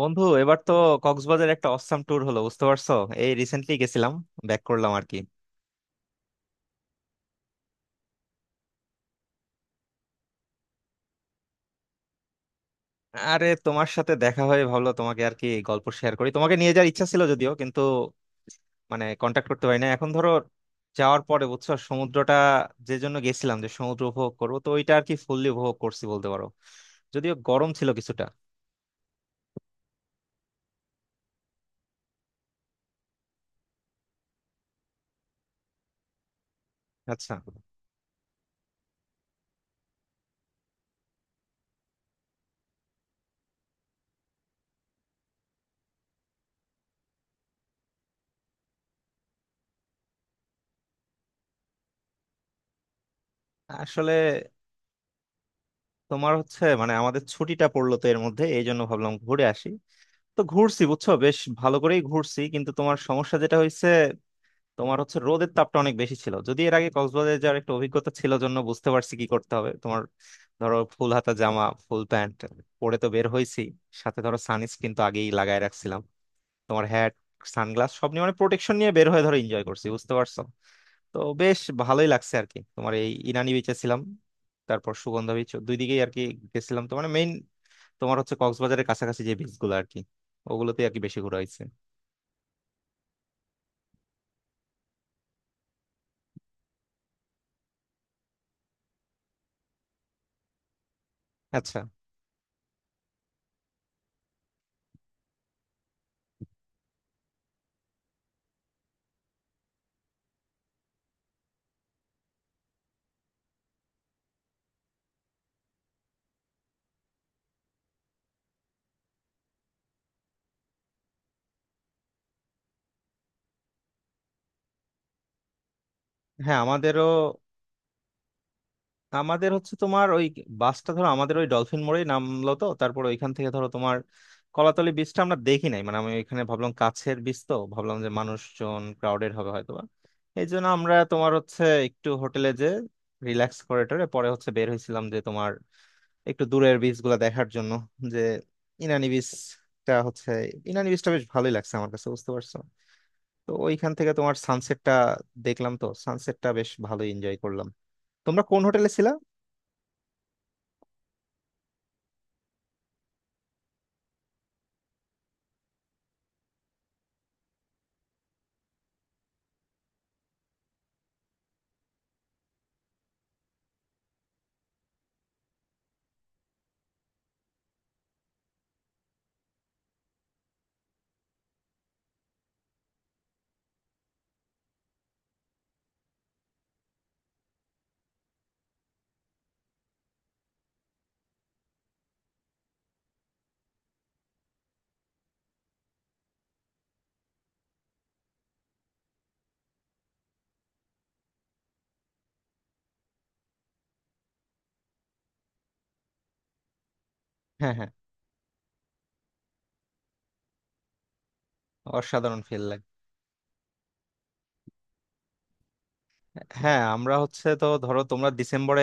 বন্ধু এবার তো কক্সবাজার একটা অসাম ট্যুর হলো, বুঝতে পারছো। এই রিসেন্টলি গেছিলাম, ব্যাক করলাম আর কি। আরে তোমার সাথে দেখা হয়ে ভালো, তোমাকে আর কি গল্প শেয়ার করি, তোমাকে নিয়ে যাওয়ার ইচ্ছা ছিল যদিও, কিন্তু মানে কন্টাক্ট করতে পারি না এখন। ধরো যাওয়ার পরে বুঝছো সমুদ্রটা, যে জন্য গেছিলাম যে সমুদ্র উপভোগ করবো, তো ওইটা আর কি ফুললি উপভোগ করছি বলতে পারো। যদিও গরম ছিল কিছুটা। আচ্ছা, আসলে তোমার হচ্ছে মানে আমাদের ছুটিটা পড়লো, তো এর মধ্যে এই জন্য ভাবলাম ঘুরে আসি। তো ঘুরছি বুঝছো, বেশ ভালো করেই ঘুরছি, কিন্তু তোমার সমস্যা যেটা হয়েছে, তোমার হচ্ছে রোদের তাপটা অনেক বেশি ছিল। যদি এর আগে কক্সবাজারে যাওয়ার একটা অভিজ্ঞতা ছিল জন্য বুঝতে পারছি কি করতে হবে তোমার। ধরো ফুল হাতা জামা, ফুল প্যান্ট পরে তো বের হয়েছি, সাথে ধরো সানস্ক্রিন তো আগেই লাগায় রাখছিলাম, তোমার হ্যাট, সানগ্লাস সব নিয়ে মানে প্রোটেকশন নিয়ে বের হয়ে ধরো এনজয় করছি বুঝতে পারছো। তো বেশ ভালোই লাগছে আর কি। তোমার এই ইনানি বিচে ছিলাম, তারপর সুগন্ধা বিচ, দুই দিকেই আর কি গেছিলাম। তো মানে তোমার হচ্ছে কক্সবাজারের কাছাকাছি যে বিচ গুলো আর কি, ওগুলোতে আর কি বেশি ঘোরা হয়েছে। আচ্ছা, হ্যাঁ আমাদেরও। আমাদের হচ্ছে তোমার ওই বাসটা ধরো আমাদের ওই ডলফিন মোড়েই নামলো, তো তারপর ওইখান থেকে ধরো তোমার কলাতলি বিচটা আমরা দেখি নাই। মানে আমি ওইখানে ভাবলাম কাছের বিচ, তো ভাবলাম যে মানুষজন ক্রাউডেড হবে হয়তোবা। এই জন্য আমরা তোমার হচ্ছে একটু হোটেলে যে রিল্যাক্স করে টরে পরে হচ্ছে বের হয়েছিলাম, যে তোমার একটু দূরের বিচ গুলা দেখার জন্য, যে ইনানি বিচটা হচ্ছে, ইনানি বিচটা বেশ ভালোই লাগছে আমার কাছে বুঝতে পারছো। তো ওইখান থেকে তোমার সানসেটটা দেখলাম, তো সানসেটটা বেশ ভালো এনজয় করলাম। তোমরা কোন হোটেলে ছিলা? হ্যাঁ, হ্যাঁ অসাধারণ ফেল। হ্যাঁ আমরা হচ্ছে, তো ধরো তোমরা ডিসেম্বরে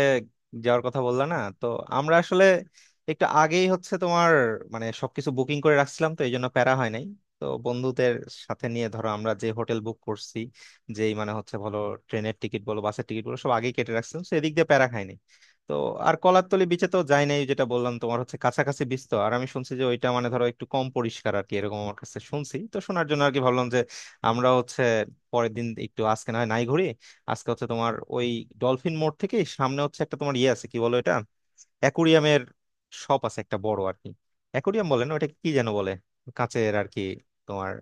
যাওয়ার কথা বললা না, তো আমরা আসলে একটু আগেই হচ্ছে তোমার মানে সবকিছু বুকিং করে রাখছিলাম, তো এই জন্য প্যারা হয় নাই। তো বন্ধুদের সাথে নিয়ে ধরো আমরা যে হোটেল বুক করছি, যেই মানে হচ্ছে বলো ট্রেনের টিকিট বলো বাসের টিকিট বলো, সব আগেই কেটে রাখছিলাম, তো এদিক দিয়ে প্যারা খাইনি। তো আর কলারতলি বিচে তো যাই নাই, যেটা বললাম তোমার হচ্ছে কাছাকাছি বিচ তো, আর আমি শুনছি যে ওইটা মানে ধরো একটু কম পরিষ্কার আর কি এরকম, আমার কাছে শুনছি, তো শোনার জন্য আর কি ভাবলাম যে আমরা হচ্ছে পরের দিন একটু আজকে না হয় নাই ঘুরি। আজকে হচ্ছে তোমার ওই ডলফিন মোড় থেকে সামনে হচ্ছে একটা তোমার ইয়ে আছে, কি বলো এটা, অ্যাকুরিয়ামের শপ আছে একটা বড় আর কি, অ্যাকুরিয়াম বলে না ওটা, কি যেন বলে, কাঁচের আর কি তোমার।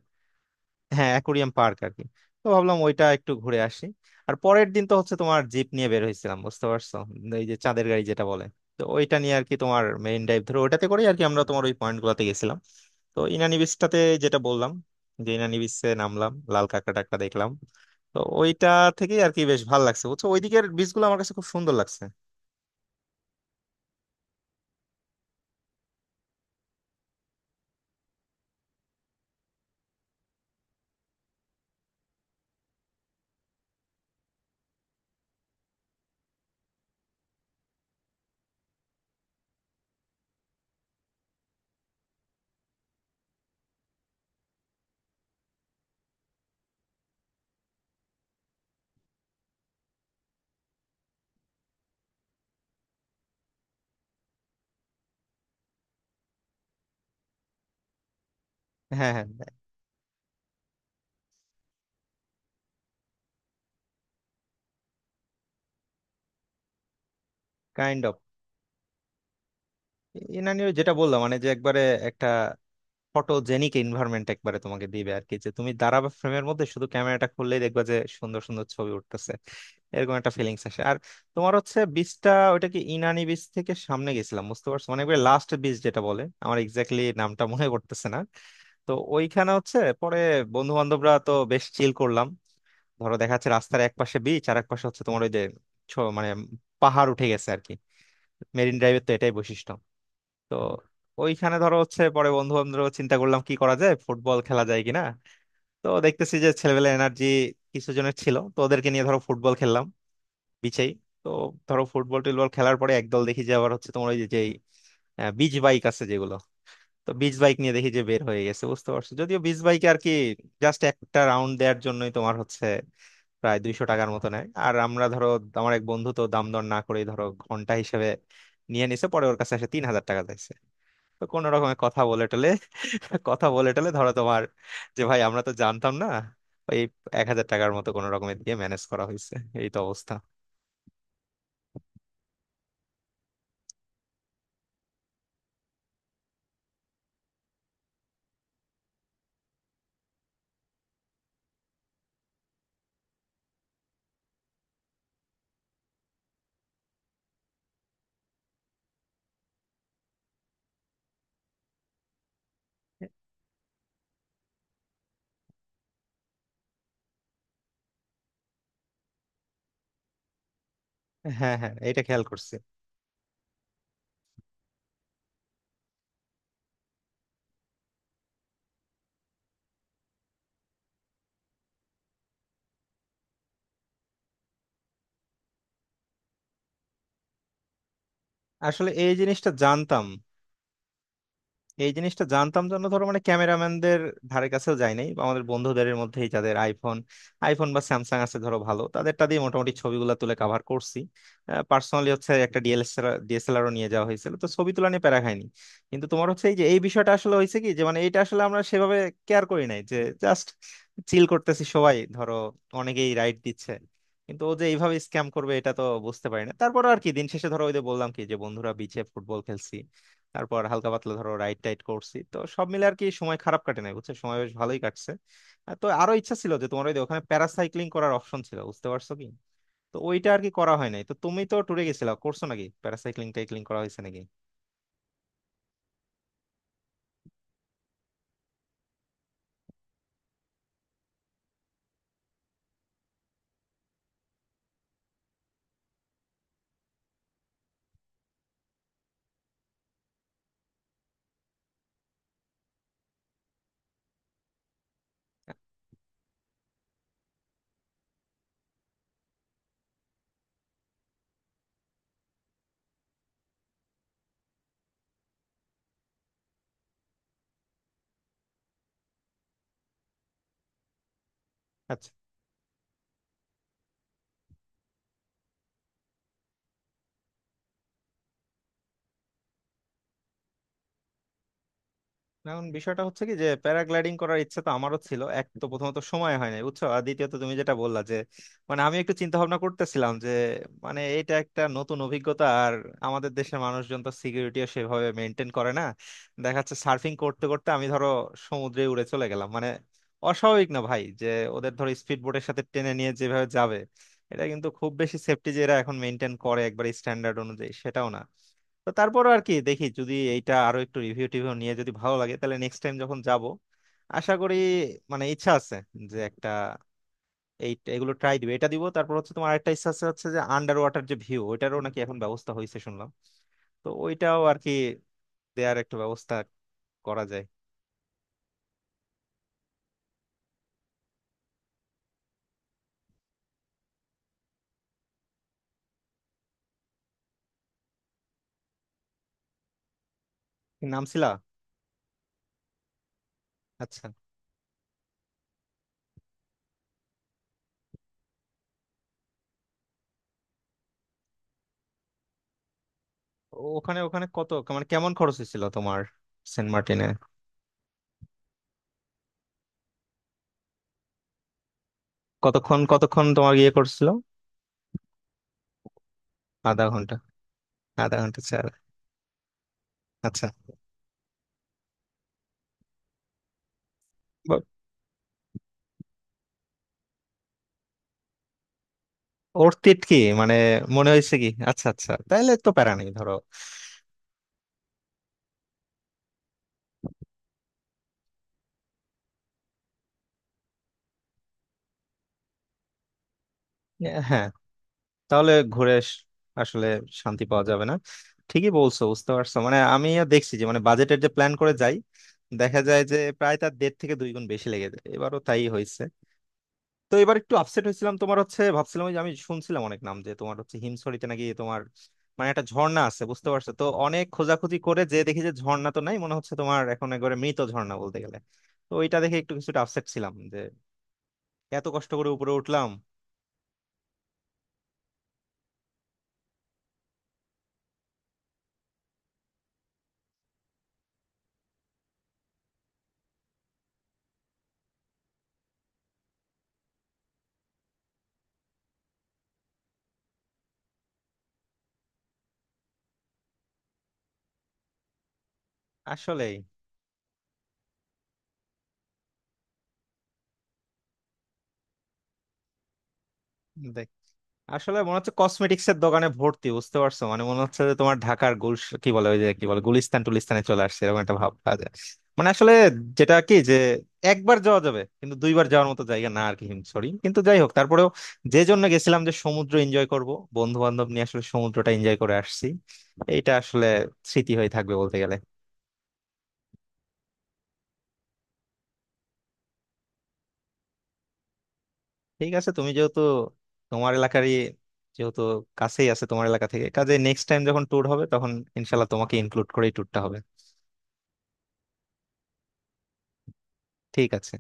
হ্যাঁ অ্যাকোরিয়াম পার্ক আর কি। তো ভাবলাম ওইটা একটু ঘুরে আসি। আর পরের দিন তো হচ্ছে তোমার জিপ নিয়ে বের হয়েছিলাম বুঝতে পারছো, এই যে চাঁদের গাড়ি যেটা বলে। তো ওইটা নিয়ে আর কি তোমার মেইন ড্রাইভ ধরে ওইটাতে করে আর কি আমরা তোমার ওই পয়েন্ট গুলাতে গেছিলাম। তো ইনানি বিচটাতে, যেটা বললাম যে ইনানি বিচে নামলাম, লাল কাঁকড়া টাকড়া দেখলাম। তো ওইটা থেকেই আর কি বেশ ভালো লাগছে বুঝছো, ওইদিকের বিচ গুলো আমার কাছে খুব সুন্দর লাগছে। হ্যাঁ, হ্যাঁ, কাইন্ড অফ। ইনানি যেটা বললাম মানে, যে একবারে একটা ফটোজেনিক এনভায়রনমেন্ট একবারে তোমাকে দিবে আর কি, যে তুমি দাঁড়াবে ফ্রেমের মধ্যে, শুধু ক্যামেরাটা খুললেই দেখবা যে সুন্দর সুন্দর ছবি উঠতেছে, এরকম একটা ফিলিংস আসে। আর তোমার হচ্ছে বীজটা ওইটা কি ইনানি বীজ থেকে সামনে গেছিলাম বুঝতে পারছো, মানে একবার লাস্ট বীজ যেটা বলে, আমার এক্স্যাক্টলি নামটা মনে পড়তেছে না। তো ওইখানে হচ্ছে পরে বন্ধু বান্ধবরা তো বেশ চিল করলাম। ধরো দেখা যাচ্ছে রাস্তার এক পাশে বিচ আর এক পাশে হচ্ছে তোমার ওই যে মানে পাহাড় উঠে গেছে আর কি, মেরিন ড্রাইভের তো এটাই বৈশিষ্ট্য। তো ওইখানে ধরো হচ্ছে পরে বন্ধু বান্ধব চিন্তা করলাম কি করা যায়, ফুটবল খেলা যায় কিনা। তো দেখতেছি যে ছেলেবেলা এনার্জি কিছু জনের ছিল, তো ওদেরকে নিয়ে ধরো ফুটবল খেললাম, বিচেই। তো ধরো ফুটবল টুটবল খেলার পরে একদল দেখি যে আবার হচ্ছে তোমার ওই যে যেই বিচ বাইক আছে যেগুলো। তো বিচ বাইক নিয়ে দেখি যে বের হয়ে গেছে বুঝতে পারছো, যদিও বিচ বাইকে আর কি জাস্ট একটা রাউন্ড দেওয়ার জন্যই তোমার হচ্ছে প্রায় 200 টাকার মতো নেয়। আর আমরা ধরো, আমার এক বন্ধু তো দাম দর না করেই ধরো ঘন্টা হিসেবে নিয়ে নিছে, পরে ওর কাছে এসে 3,000 টাকা চাইছে। তো কোনো রকমে কথা বলে টলে ধরো তোমার, যে ভাই আমরা তো জানতাম না, ওই 1,000 টাকার মতো কোনো রকমে দিয়ে ম্যানেজ করা হয়েছে। এই তো অবস্থা। হ্যাঁ, হ্যাঁ, এটা খেয়াল করছি। আসলে এই জিনিসটা জানতাম। এই জিনিসটা জানতাম জন্য ধরো মানে ক্যামেরাম্যানদের ধারে কাছেও যাই নাই, বা আমাদের বন্ধুদের মধ্যেই যাদের আইফোন আইফোন বা স্যামসাং আছে ধরো ভালো, তাদেরটা দিয়ে মোটামুটি ছবিগুলো তুলে কাভার করছি। পার্সোনালি হচ্ছে একটা ডিএসএলআর, ডিএসএলআরও নিয়ে যাওয়া হয়েছিল, তো ছবি তোলা নিয়ে প্যারা খাইনি। কিন্তু তোমার হচ্ছে এই যে এই বিষয়টা আসলে হয়েছে কি, যে মানে এটা আসলে আমরা সেভাবে কেয়ার করি নাই, যে জাস্ট চিল করতেছি সবাই ধরো, অনেকেই রাইড দিচ্ছে, কিন্তু ও যে এইভাবে স্ক্যাম করবে এটা তো বুঝতে পারি না। তারপর আর কি দিন শেষে ধরো ওই যে বললাম কি, যে বন্ধুরা বিচে ফুটবল খেলছি, তারপর হালকা পাতলা ধরো রাইড টাইড করছি, তো সব মিলে আর কি সময় খারাপ কাটে নাই বুঝছো, সময় বেশ ভালোই কাটছে। আর তো আরো ইচ্ছা ছিল যে তোমার ওই যে ওখানে প্যারাসাইক্লিং করার অপশন ছিল বুঝতে পারছো কি। তো ওইটা আর কি করা হয় নাই। তো তুমি তো ট্যুরে গেছিলা, করছো নাকি প্যারাসাইক্লিং টাইক্লিং, করা হয়েছে নাকি? আচ্ছা। এখন বিষয়টা হচ্ছে কি, যে প্যারাগ্লাইডিং করার ইচ্ছা তো আমারও ছিল। এক তো প্রথমত সময় হয় নাই বুঝছো, আর দ্বিতীয়ত তুমি যেটা বললা যে মানে আমি একটু চিন্তা ভাবনা করতেছিলাম, যে মানে এটা একটা নতুন অভিজ্ঞতা, আর আমাদের দেশের মানুষজন তো সিকিউরিটিও সেভাবে মেনটেন করে না। দেখা যাচ্ছে সার্ফিং করতে করতে আমি ধরো সমুদ্রে উড়ে চলে গেলাম, মানে অস্বাভাবিক না ভাই, যে ওদের ধরো স্পিড বোটের সাথে টেনে নিয়ে যেভাবে যাবে, এটা কিন্তু খুব বেশি সেফটি যে এরা এখন মেনটেন করে একবার স্ট্যান্ডার্ড অনুযায়ী, সেটাও না। তো তারপরও আর কি দেখি যদি এইটা আরো একটু রিভিউ টিভিউ নিয়ে যদি ভালো লাগে, তাহলে নেক্সট টাইম যখন যাব, আশা করি, মানে ইচ্ছা আছে যে একটা, এই এগুলো ট্রাই দিব, এটা দিব। তারপর হচ্ছে তোমার আরেকটা ইচ্ছা আছে হচ্ছে যে আন্ডার ওয়াটার যে ভিউ, ওইটারও নাকি এখন ব্যবস্থা হয়েছে শুনলাম। তো ওইটাও আর কি দেয়ার একটা ব্যবস্থা করা যায়। কি নামছিলা? আচ্ছা, ওখানে ওখানে কত মানে কেমন খরচ হয়েছিল তোমার সেন্ট মার্টিনে? কতক্ষণ কতক্ষণ তোমার ইয়ে করছিল? আধা ঘন্টা? আধা ঘন্টা ছাড়া। আচ্ছা। ওর তিট কি মানে মনে হয়েছে কি? আচ্ছা, আচ্ছা, তাহলে তো প্যারা নেই ধরো। হ্যাঁ। তাহলে ঘুরে আস- আসলে শান্তি পাওয়া যাবে না। ঠিকই বলছো, বুঝতে পারছো। মানে আমি দেখছি যে মানে বাজেটের যে প্ল্যান করে যাই, দেখা যায় যে প্রায় তার দেড় থেকে দুই গুণ বেশি লেগে যায়। এবারও তাই হয়েছে। তো এবার একটু আপসেট হয়েছিলাম তোমার হচ্ছে, ভাবছিলাম ওই যে আমি শুনছিলাম অনেক নাম যে তোমার হচ্ছে হিমছড়িতে নাকি তোমার মানে একটা ঝর্ণা আছে বুঝতে পারছো। তো অনেক খোঁজাখুঁজি করে যে দেখি যে ঝর্ণা তো নাই মনে হচ্ছে তোমার এখন, একবারে মৃত ঝর্ণা বলতে গেলে। তো ওইটা দেখে একটু কিছুটা আপসেট ছিলাম। এত কষ্ট করে উপরে উঠলাম। আসলেই। দেখ, আসলে মনে হচ্ছে কসমেটিক্স এর দোকানে ভর্তি, বুঝতে পারছো, মানে মনে হচ্ছে যে তোমার ঢাকার গুল, কি বলে ওই যে, কি বলে গুলিস্তান টুলিস্তানে চলে আসছে, এরকম একটা ভাব পাওয়া যায়। মানে আসলে, যেটা কি যে একবার যাওয়া যাবে কিন্তু দুইবার যাওয়ার মতো জায়গা না আর কি। সরি, কিন্তু যাই হোক তারপরেও যে জন্য গেছিলাম যে সমুদ্র এনজয় করব, বন্ধু বান্ধব নিয়ে আসলে সমুদ্রটা এনজয় করে আসছি, এইটা আসলে স্মৃতি হয়ে থাকবে বলতে গেলে। ঠিক আছে, তুমি যেহেতু তোমার এলাকারই, যেহেতু কাছেই আছে তোমার এলাকা থেকে, কাজে নেক্সট টাইম যখন ট্যুর হবে তখন ইনশাল্লাহ তোমাকে ইনক্লুড করেই ট্যুরটা হবে। ঠিক আছে।